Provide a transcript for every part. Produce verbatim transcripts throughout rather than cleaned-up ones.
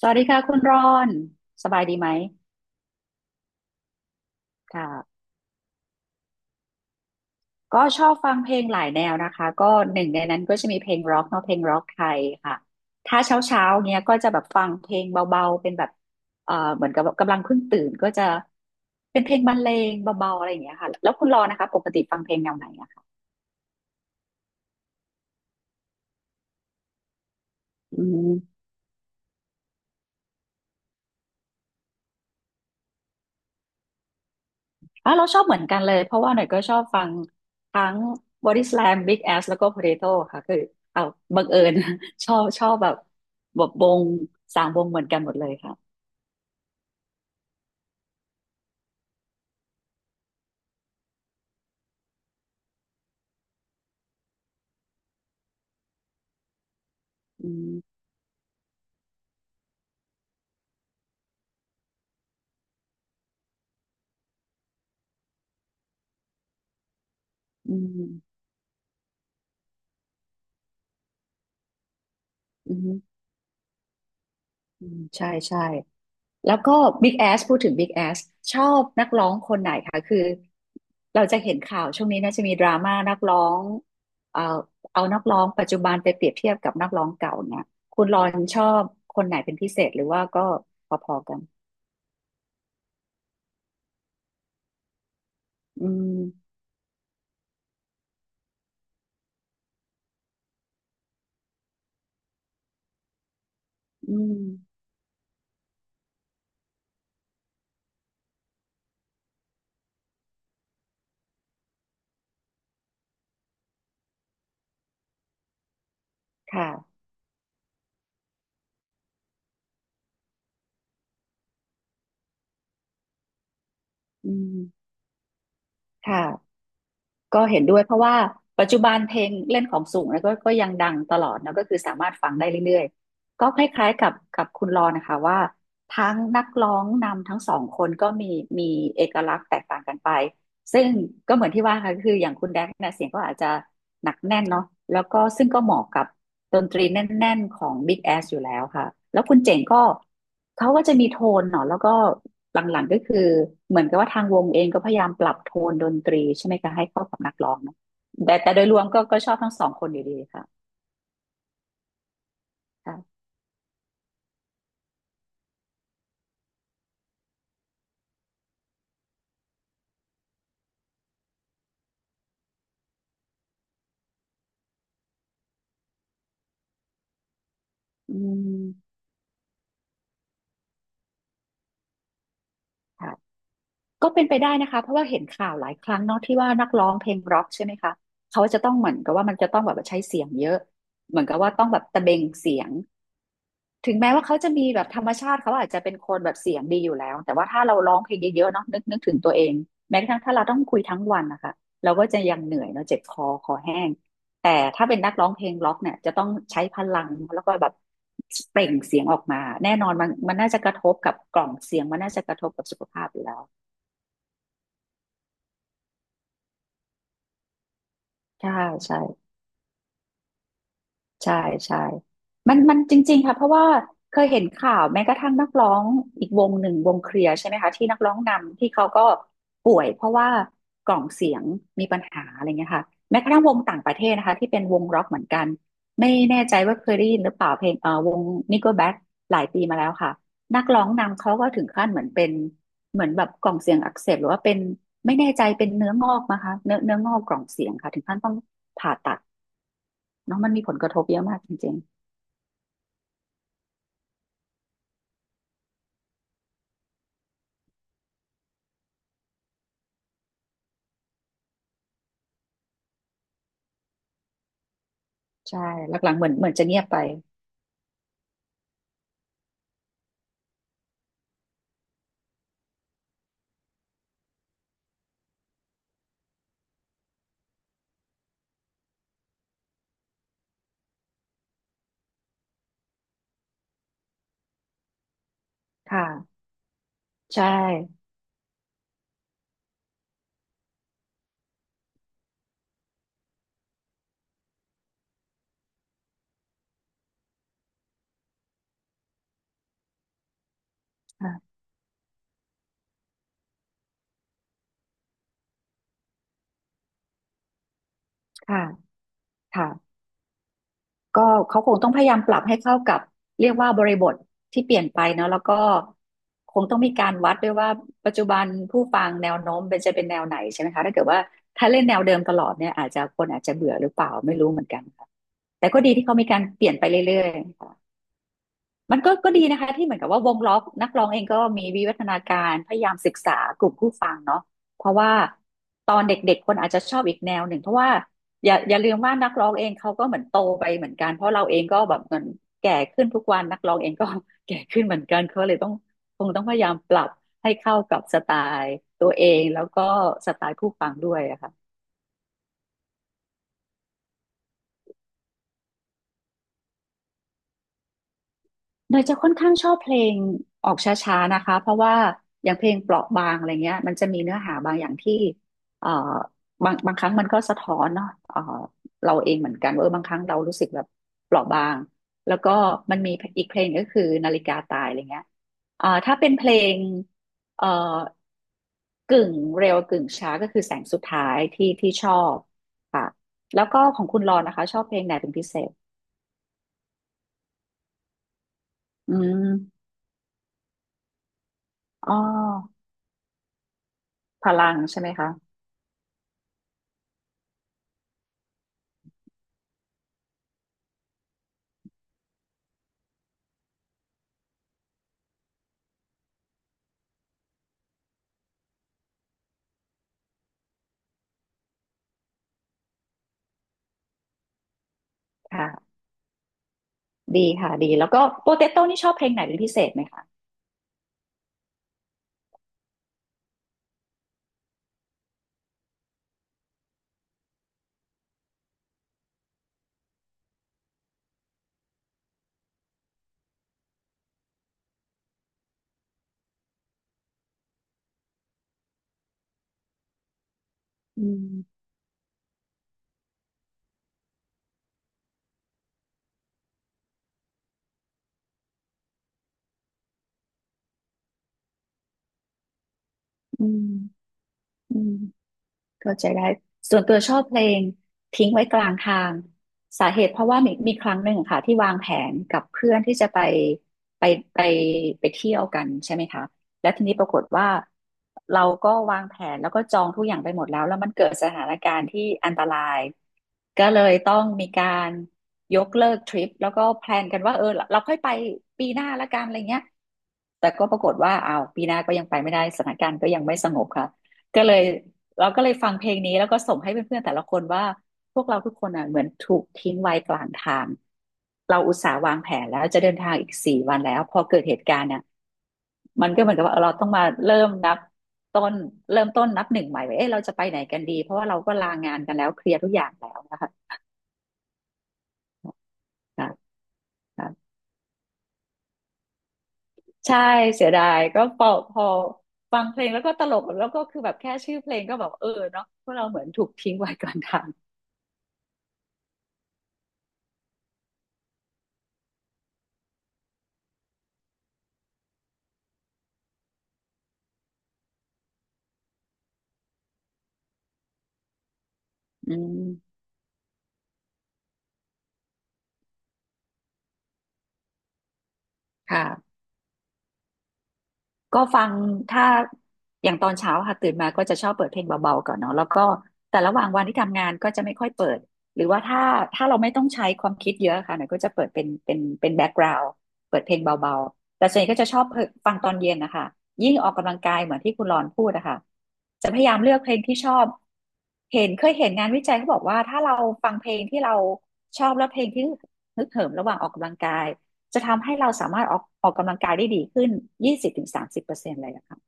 สวัสดีค่ะคุณรอนสบายดีไหมค่ะก็ชอบฟังเพลงหลายแนวนะคะก็หนึ่งในนั้นก็จะมีเพลงร็อกเนาะเพลงร็อกไทยค่ะถ้าเช้าเช้าเนี้ยก็จะแบบฟังเพลงเบาๆเป็นแบบเอ่อเหมือนกับแบบกำลังเพิ่งตื่นก็จะเป็นเพลงบรรเลงเบาๆอะไรอย่างเงี้ยค่ะแล้วคุณรอนนะคะปกติฟังเพลงแนวไหนอะคะอืม อ่ะเราชอบเหมือนกันเลยเพราะว่าหน่อยก็ชอบฟังทั้ง Body Slam Big Ass แล้วก็ Potato ค่ะคือเอาบังเอิญ ชอบชอบแบบแบบวงสามวงเหมือนกันหมดเลยค่ะอืมอืมอืมอืมใช่ใช่แล้วก็ Big Ass พูดถึง Big Ass ชอบนักร้องคนไหนคะคือเราจะเห็นข่าวช่วงนี้น่าจะมีดราม่านักร้องเอ่อเอานักร้องปัจจุบันไปเปรียบเทียบกับนักร้องเก่าเนี่ยคุณรอนชอบคนไหนเป็นพิเศษหรือว่าก็พอๆกัน อืมอืมค่ะอืมค่ะก็เห็นด้วยเพราะว่าปัจจุบันเพลงเล่นของสูงเนะก็ก็ยังดังตลอดนะก็คือสามารถฟังได้เรื่อยๆ ก็คล้ายๆกับกับคุณรอนะคะว่าทั้งนักร้องนำทั้งสองคนก็มีมีเอกลักษณ์แตกต่างกันไปซึ่งก็เหมือนที่ว่าค่ะคืออย่างคุณแดกเนี่ยเสียงก็อาจจะหนักแน่นเนาะแล้วก็ซึ่งก็เหมาะกับ ดนตรีแน่นๆของ Big Ass อยู่แล้วค่ะแล้วคุณเจ๋งก็เขาก็จะมีโทนเนาะแล้วก็หลังๆก็คือเหมือนกับว่าทางวงเองก็พยายามปรับโทนดนตรีใช่ไหมคะให้เข้ากับนักร้องเนาะแต่แต่โดยรวมก็ก็ชอบทั้งสองคนอยู่ดีค่ะค่ะอืมค่ะก็เป็นไปได้นะคะเพราะว่าเห็นข่าวหลายครั้งเนาะที่ว่านักร้องเพลงร็อกใช่ไหมคะเขาจะต้องเหมือนกับว่ามันจะต้องแบบว่าใช้เสียงเยอะเหมือนกับว่าต้องแบบตะเบงเสียง ถึงแม้ว่าเขาจะมีแบบธรรมชาติเขาอาจจะเป็นคนแบบเสียงดีอยู่แล้วแต่ว่าถ้าเราร้องเพลงเยอะๆเนาะนึกนึกถึงตัวเองแม้กระทั่งถ้าเราต้องคุยทั้งวันนะคะเราก็จะยังเหนื่อยเนาะเจ็บคอคอแห้งแต่ถ้าเป็นนักร้องเพลงร็อกเนี่ยจะต้องใช้พลังแล้วก็แบบเปล่งเสียงออกมาแน่นอนมันมันน่าจะกระทบกับกล่องเสียงมันน่าจะกระทบกับสุขภาพอยู่แล้วใช่ใช่ ใช่ใช่มันมันจริงๆค่ะเพราะว่าเคยเห็นข่าวแม้กระทั่งนักร้องอีกวงหนึ่งวงเคลียร์ใช่ไหมคะที่นักร้องนำที่เขาก็ป่วยเพราะว่ากล่องเสียงมีปัญหาอะไรเงี้ยค่ะแม้กระทั่งวงต่างประเทศนะคะที่เป็นวงร็อกเหมือนกันไม่แน่ใจว่าเคยได้ยินหรือเปล่าเพลงเอ่อวง Nickelback หลายปีมาแล้วค่ะนักร้องนำเขาก็ถึงขั้นเหมือนเป็นเหมือนแบบกล่องเสียงอักเสบหรือว่าเป็นไม่แน่ใจเป็นเนื้องอกนะคะเนื้อเนื้องอกกล่องเสียงค่ะถึงขั้นต้องผ่าตัดเนาะมันมีผลกระทบเยอะมากจริง ใช่ หลังๆเหมือนเหมือนจะเงียบไปค่ะใช่ค่ะค่ะค่ะก็เขาคงต้องพยายามปรับให้เข้ากับเรียกว่าบริบทที่เปลี่ยนไปเนาะแล้วก็คงต้องมีการวัดด้วยว่าปัจจุบันผู้ฟังแนวโน้มเป็นจะเป็นแนวไหนใช่ไหมคะถ้าเกิดว่าถ้าเล่นแนวเดิมตลอดเนี่ยอาจจะคนอาจจะเบื่อหรือเปล่าไม่รู้เหมือนกันค่ะแต่ก็ดีที่เขามีการเปลี่ยนไปเรื่อยๆ มันก็ก็ดีนะคะที่เหมือนกับว่าวงล้อนักร้องเองก็มีวิวัฒนาการพยายามศึกษากลุ่มผู้ฟังเนาะเพราะว่าตอนเด็กๆคนอาจจะชอบอีกแนวหนึ่งเพราะว่าอย่าอย่าลืมว่านักร้องเองเขาก็เหมือนโตไปเหมือนกันเพราะเราเองก็แบบเหมือนแก่ขึ้นทุกวันนักร้องเองก็ แก่ขึ้นเหมือนกันเขาเลยต้องคงต้องพยายามปรับให้เข้ากับสไตล์ตัวเองแล้วก็สไตล์ผู้ฟังด้วยอะค่ะ เนยจะค่อนข้างชอบเพลงออกช้าๆนะคะเพราะว่าอย่างเพลงเปราะบางอะไรเงี้ยมันจะมีเนื้อหาบางอย่างที่เอ่อบางบางครั้งมันก็สะท้อนเนาะเอ่อเราเองเหมือนกันว่าเออบางครั้งเรารู้สึกแบบเปราะบางแล้วก็มันมีอีกเพลงก็คือนาฬิกาตายอะไรเงี้ยเอ่อถ้าเป็นเพลงเอ่อกึ่งเร็วกึ่งช้าก็คือแสงสุดท้ายที่ที่ชอบค่ะแล้วก็ของคุณรอนนะคะชอบเพลงไหนเป็นพิเศษอืมอ๋อพลังใช่ไหมคะ ค่ะดีค่ะดีแล้วก็โปเตโต้นี่ชอบเพลงไหนเป็นพิเศษไหมคะอืมอืมอืมเข้าใจได้ส่วนตัวชอบเพลงทิ้งไว้กลางทางสาเหตุเพราะว่ามีมีครั้งหนึ่งค่ะที่วางแผนกับเพื่อนที่จะไปไปไปไปเที่ยวกันใช่ไหมคะแล้วทีนี้ปรากฏว่าเราก็วางแผนแล้วก็จองทุกอย่างไปหมดแล้วแล้วมันเกิดสถานการณ์ที่อันตรายก็เลยต้องมีการยกเลิกทริปแล้วก็แพลนกันว่าเออเราค่อยไปปีหน้าละกันอะไรเงี้ย แต่ก็ปรากฏว่าอ้าวปีหน้าก็ยังไปไม่ได้สถานการณ์ก็ยังไม่สงบค่ะก็เลยเราก็เลยฟังเพลงนี้แล้วก็ส่งให้เพื่อนๆแต่ละคนว่าพวกเราทุกคนอ่ะเหมือนถูกทิ้งไว้กลางทางเราอุตส่าห์วางแผนแล้วจะเดินทางอีกสี่วันแล้วพอเกิดเหตุการณ์เนี่ยมันก็เหมือนกับว่าเราต้องมาเริ่มนับต้นเริ่มต้นนับหนึ่งใหม่ว่าเอ๊ะเราจะไปไหนกันดีเพราะว่าเราก็ลางานกันแล้วเคลียร์ทุกอย่างแล้วนะคะค่ะ ใช่เสียดายก็พอพอฟังเพลงแล้วก็ตลกแล้วก็คือแบบแค่ชื่อเพลงก็แบบเออเนาะพวกเราเหมือนถูกทิ้งไว้ กลางทางอืมค่ะ ก็ฟังถ้าอย่างตอนเช้าค่ะตื่นมาก็จะชอบเปิดเพลงเบาๆก่อนเนาะแล้วก็แต่ระหว่างวันที่ทำงานก็จะไม่ค่อยเปิดหรือว่าถ้าถ้าเราไม่ต้องใช้ความคิดเยอะค่ะหน่อยก็จะเปิดเป็นเป็นเป็นแบ็กกราวด์เปิดเพลงเบาๆแต่ส่วนใหญ่ก็จะชอบฟังตอนเย็นนะคะยิ่งออกกำลังกายเหมือนที่คุณรอนพูดนะคะจะพยายามเลือกเพลงที่ชอบเห็นเคยเห็นงานวิจัยเขาบอกว่าถ้าเราฟังเพลงที่เราชอบและเพลงที่ฮึกเหิมระหว่างออกกำลังกาย จะทำให้เราสามารถออกออกกำลังกายได้ดีขึ้นยี่สิบถึงสามสิบเปอร์เซ็นต์เลยอะค่ะ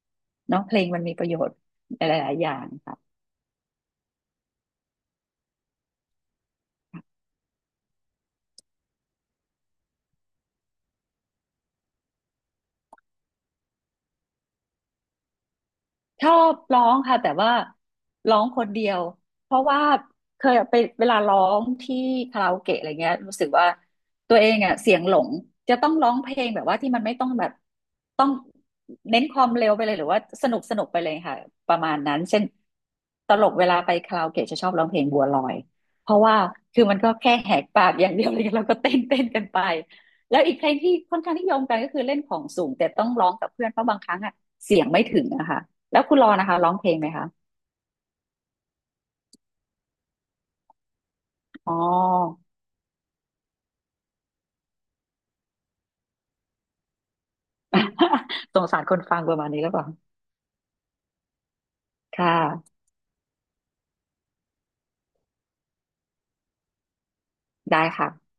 เนาะเพลงมันมีประโยชน์หลายๆ อย่างค่ะ ชอบร้องค่ะแต่ว่าร้องคนเดียวเพราะว่าเคยไปเวลาร้องที่คาราโอเกะอะไรเงี้ยรู้สึกว่าตัวเองอ่ะเสียงหลงจะต้องร้องเพลงแบบว่าที่มันไม่ต้องแบบต้องเน้นความเร็วไปเลยหรือว่าสนุกสนุกไปเลยค่ะประมาณนั้นเช่นตลกเวลาไปคาราโอเกะจะชอบร้องเพลงบัวลอยเพราะว่าคือมันก็แค่แหกปากอย่างเดียวเลยแล้วก็เต้นเต้นกันไปแล้วอีกเพลงที่ค่อนข้างนิยมกันก็คือเล่นของสูงแต่ต้องร้องกับเพื่อนเพราะบางครั้งอ่ะเสียงไม่ถึงอะค่ะ แล้วคุณรอนะคะร้องเพลงไหมคะอ๋อ สงสารคนฟังประมาณนี้แล้วเปล่าค่ะได้ค่ะ